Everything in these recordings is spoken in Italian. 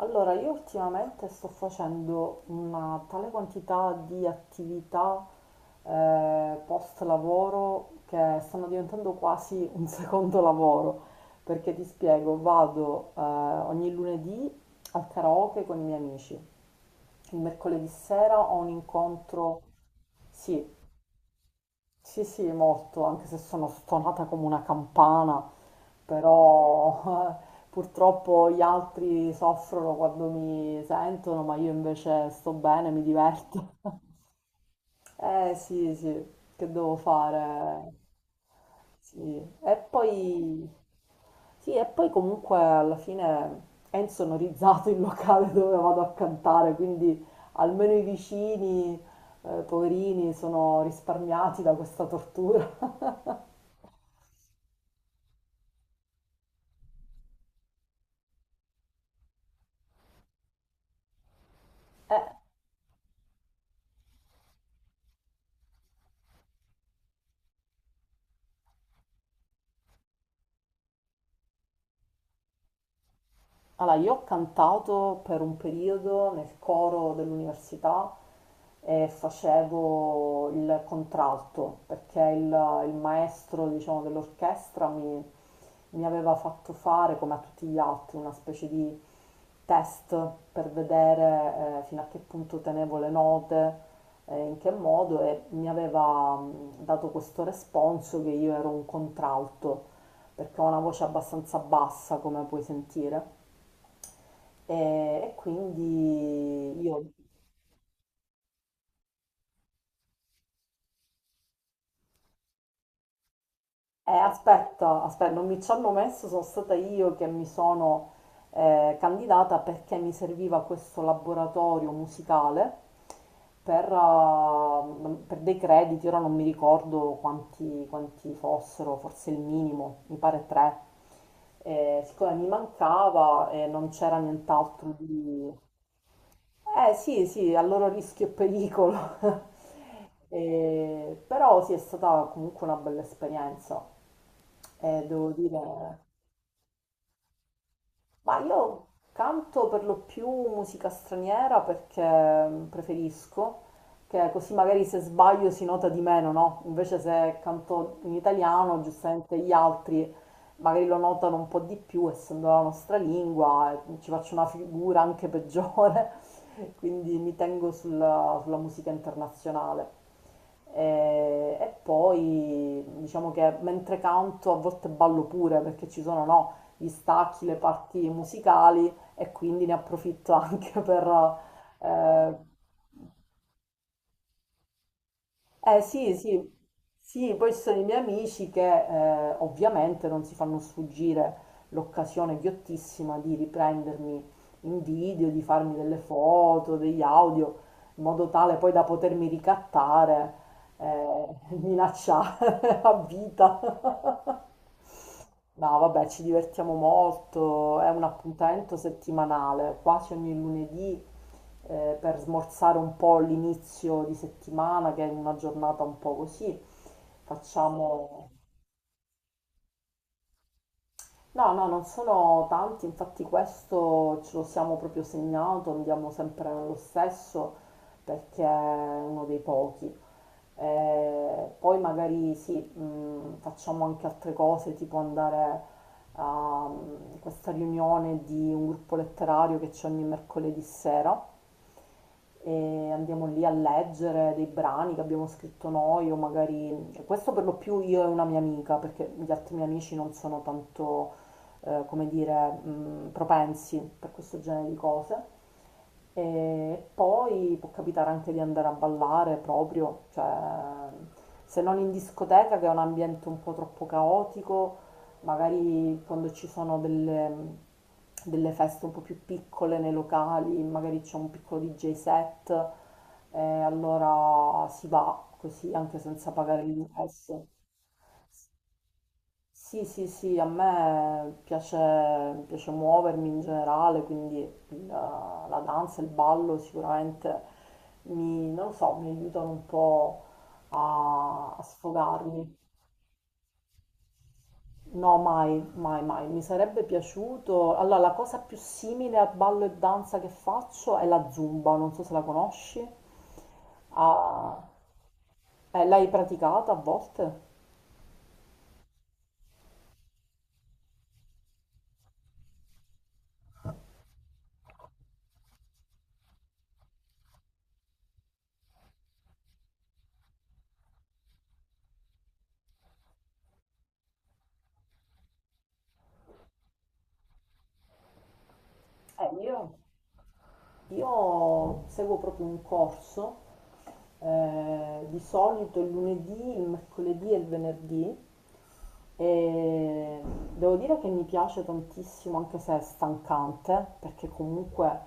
Allora, io ultimamente sto facendo una tale quantità di attività post lavoro che stanno diventando quasi un secondo lavoro, perché ti spiego, vado ogni lunedì al karaoke con i miei amici, il mercoledì sera ho un incontro, sì, sì, sì, molto, anche se sono stonata come una campana, però purtroppo gli altri soffrono quando mi sentono, ma io invece sto bene, mi diverto. Eh sì, sì, che devo fare? Sì. E poi, sì, e poi comunque alla fine è insonorizzato il locale dove vado a cantare, quindi almeno i vicini, poverini, sono risparmiati da questa tortura. Allora, io ho cantato per un periodo nel coro dell'università e facevo il contralto perché il maestro, diciamo, dell'orchestra mi aveva fatto fare, come a tutti gli altri, una specie di test per vedere fino a che punto tenevo le note, in che modo e mi aveva dato questo responso che io ero un contralto perché ho una voce abbastanza bassa, come puoi sentire. E quindi aspetta, aspetta, non mi ci hanno messo, sono stata io che mi sono candidata perché mi serviva questo laboratorio musicale per dei crediti, ora non mi ricordo quanti, quanti fossero, forse il minimo, mi pare tre. Siccome mi mancava e non c'era nient'altro di... Eh sì, sì, a loro rischio e pericolo. Però sì, è stata comunque una bella esperienza. Devo dire. Ma io canto per lo più musica straniera perché preferisco, che così magari se sbaglio si nota di meno, no? Invece se canto in italiano, giustamente gli altri magari lo notano un po' di più, essendo la nostra lingua, e ci faccio una figura anche peggiore, quindi mi tengo sulla musica internazionale. E poi diciamo che mentre canto a volte ballo pure perché ci sono, no? gli stacchi, le parti musicali e quindi ne approfitto anche per... Eh, sì, sì, sì, poi ci sono i miei amici che ovviamente non si fanno sfuggire l'occasione ghiottissima di riprendermi in video, di farmi delle foto, degli audio, in modo tale poi da potermi ricattare, eh, minacciare a vita. No, vabbè, ci divertiamo molto, è un appuntamento settimanale, quasi ogni lunedì, per smorzare un po' l'inizio di settimana, che è una giornata un po' così. Facciamo... No, no, non sono tanti, infatti questo ce lo siamo proprio segnato, andiamo sempre nello stesso perché è uno dei pochi. Poi magari sì, facciamo anche altre cose, tipo andare a questa riunione di un gruppo letterario che c'è ogni mercoledì sera e andiamo lì a leggere dei brani che abbiamo scritto noi o magari questo per lo più io e una mia amica perché gli altri miei amici non sono tanto come dire propensi per questo genere di cose e poi può capitare anche di andare a ballare proprio, cioè se non in discoteca che è un ambiente un po' troppo caotico, magari quando ci sono delle feste un po' più piccole nei locali, magari c'è un piccolo DJ set, e allora si va così anche senza pagare l'ingresso. Sì, sì, sì, a me piace, piace muovermi in generale, quindi la danza, il ballo sicuramente mi, non lo so, mi aiutano un po' a, a sfogarmi. No, mai, mai, mai. Mi sarebbe piaciuto. Allora, la cosa più simile a ballo e danza che faccio è la zumba, non so se la conosci. Ah, l'hai praticata a volte? Eh, io. Io seguo proprio un corso, di solito il lunedì, il mercoledì e il venerdì, e devo dire che mi piace tantissimo, anche se è stancante, perché comunque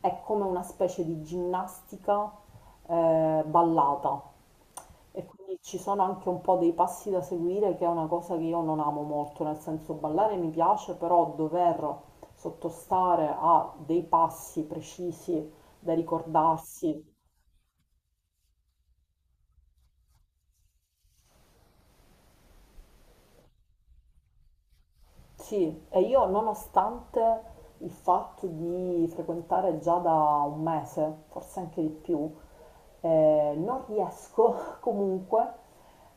è come una specie di ginnastica ballata. E quindi ci sono anche un po' dei passi da seguire, che è una cosa che io non amo molto, nel senso ballare mi piace, però dover sottostare a dei passi precisi da ricordarsi. Sì, e io nonostante il fatto di frequentare già da un mese, forse anche di più, non riesco comunque,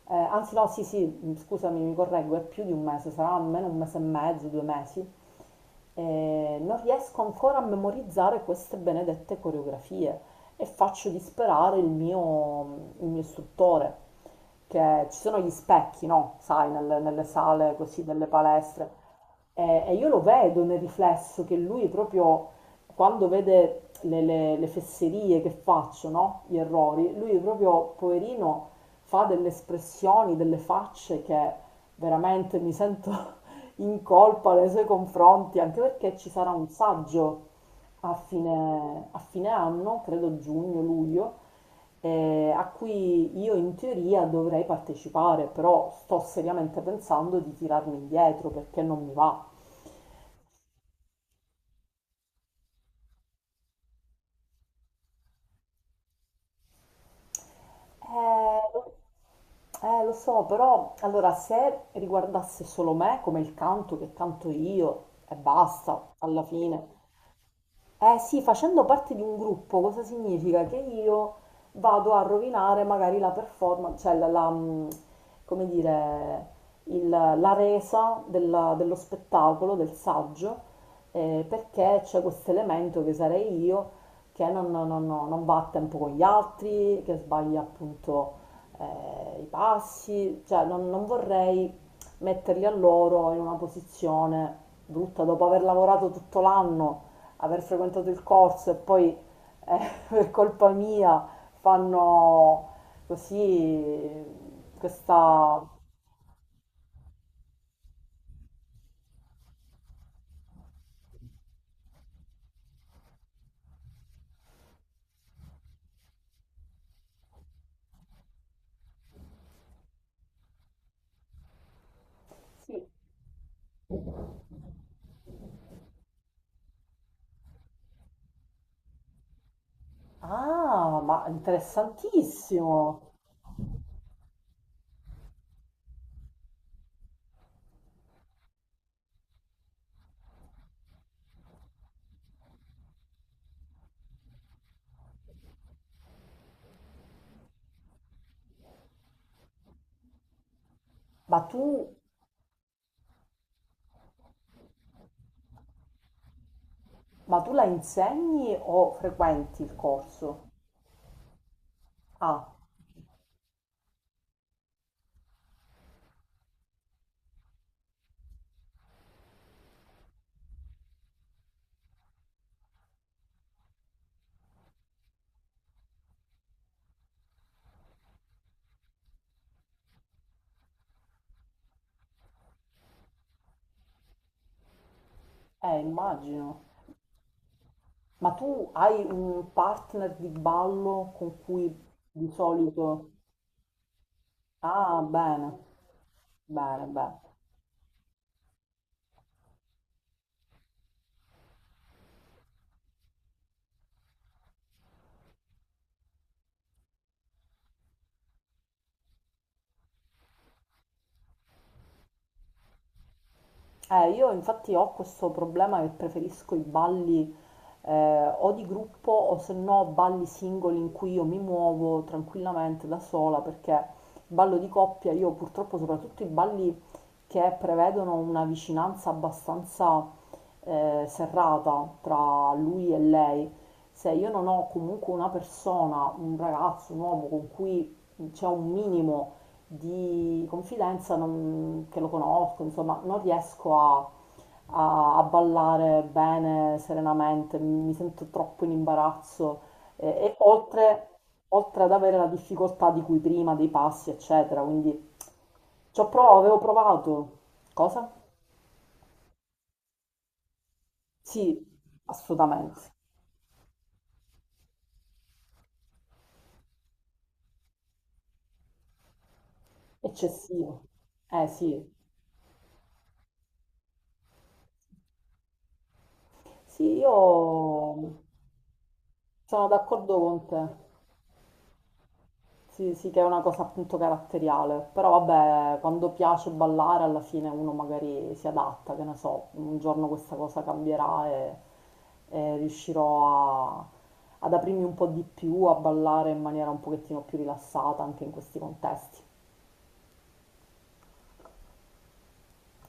anzi no, sì, sì, scusami, mi correggo, è più di un mese, sarà almeno un mese e mezzo, due mesi, e non riesco ancora a memorizzare queste benedette coreografie e faccio disperare il mio istruttore, che ci sono gli specchi, no? Sai, nelle sale così delle palestre. E io lo vedo nel riflesso che lui proprio quando vede le fesserie che faccio, no? Gli errori, lui proprio, poverino, fa delle espressioni, delle facce che veramente mi sento in colpa nei suoi confronti, anche perché ci sarà un saggio a fine anno, credo giugno-luglio, a cui io in teoria dovrei partecipare, però sto seriamente pensando di tirarmi indietro perché non mi va. Eh, lo so, però allora se riguardasse solo me, come il canto che canto io, e basta, alla fine. Eh sì, facendo parte di un gruppo, cosa significa? Che io vado a rovinare magari la performance, cioè come dire, la resa dello spettacolo, del saggio, perché c'è questo elemento che sarei io che non va a tempo con gli altri, che sbaglia appunto i passi, cioè non vorrei metterli a loro in una posizione brutta dopo aver lavorato tutto l'anno aver frequentato il corso e poi per colpa mia fanno così questa... Sì, ah, ma interessantissimo! Ma tu, ma tu la insegni o frequenti il corso? Ah, immagino. Ma tu hai un partner di ballo con cui di solito... Ah, bene, bene, bene. Io infatti ho questo problema che preferisco i balli o di gruppo o se no balli singoli in cui io mi muovo tranquillamente da sola perché il ballo di coppia, io purtroppo soprattutto i balli che prevedono una vicinanza abbastanza serrata tra lui e lei, se io non ho comunque una persona, un ragazzo, un uomo con cui c'è un minimo di confidenza non- che lo conosco, insomma, non riesco a, a ballare bene, serenamente, mi sento troppo in imbarazzo e oltre, oltre ad avere la difficoltà di cui prima, dei passi, eccetera, quindi ci ho provato, avevo provato. Cosa? Sì, assolutamente, eccessivo. Eh sì, sì, io sono d'accordo con te. Sì, sì, che è una cosa appunto caratteriale, però vabbè, quando piace ballare alla fine uno magari si adatta, che ne so, un giorno questa cosa cambierà e riuscirò a- ad aprirmi un po' di più, a ballare in maniera un pochettino più rilassata anche in questi contesti.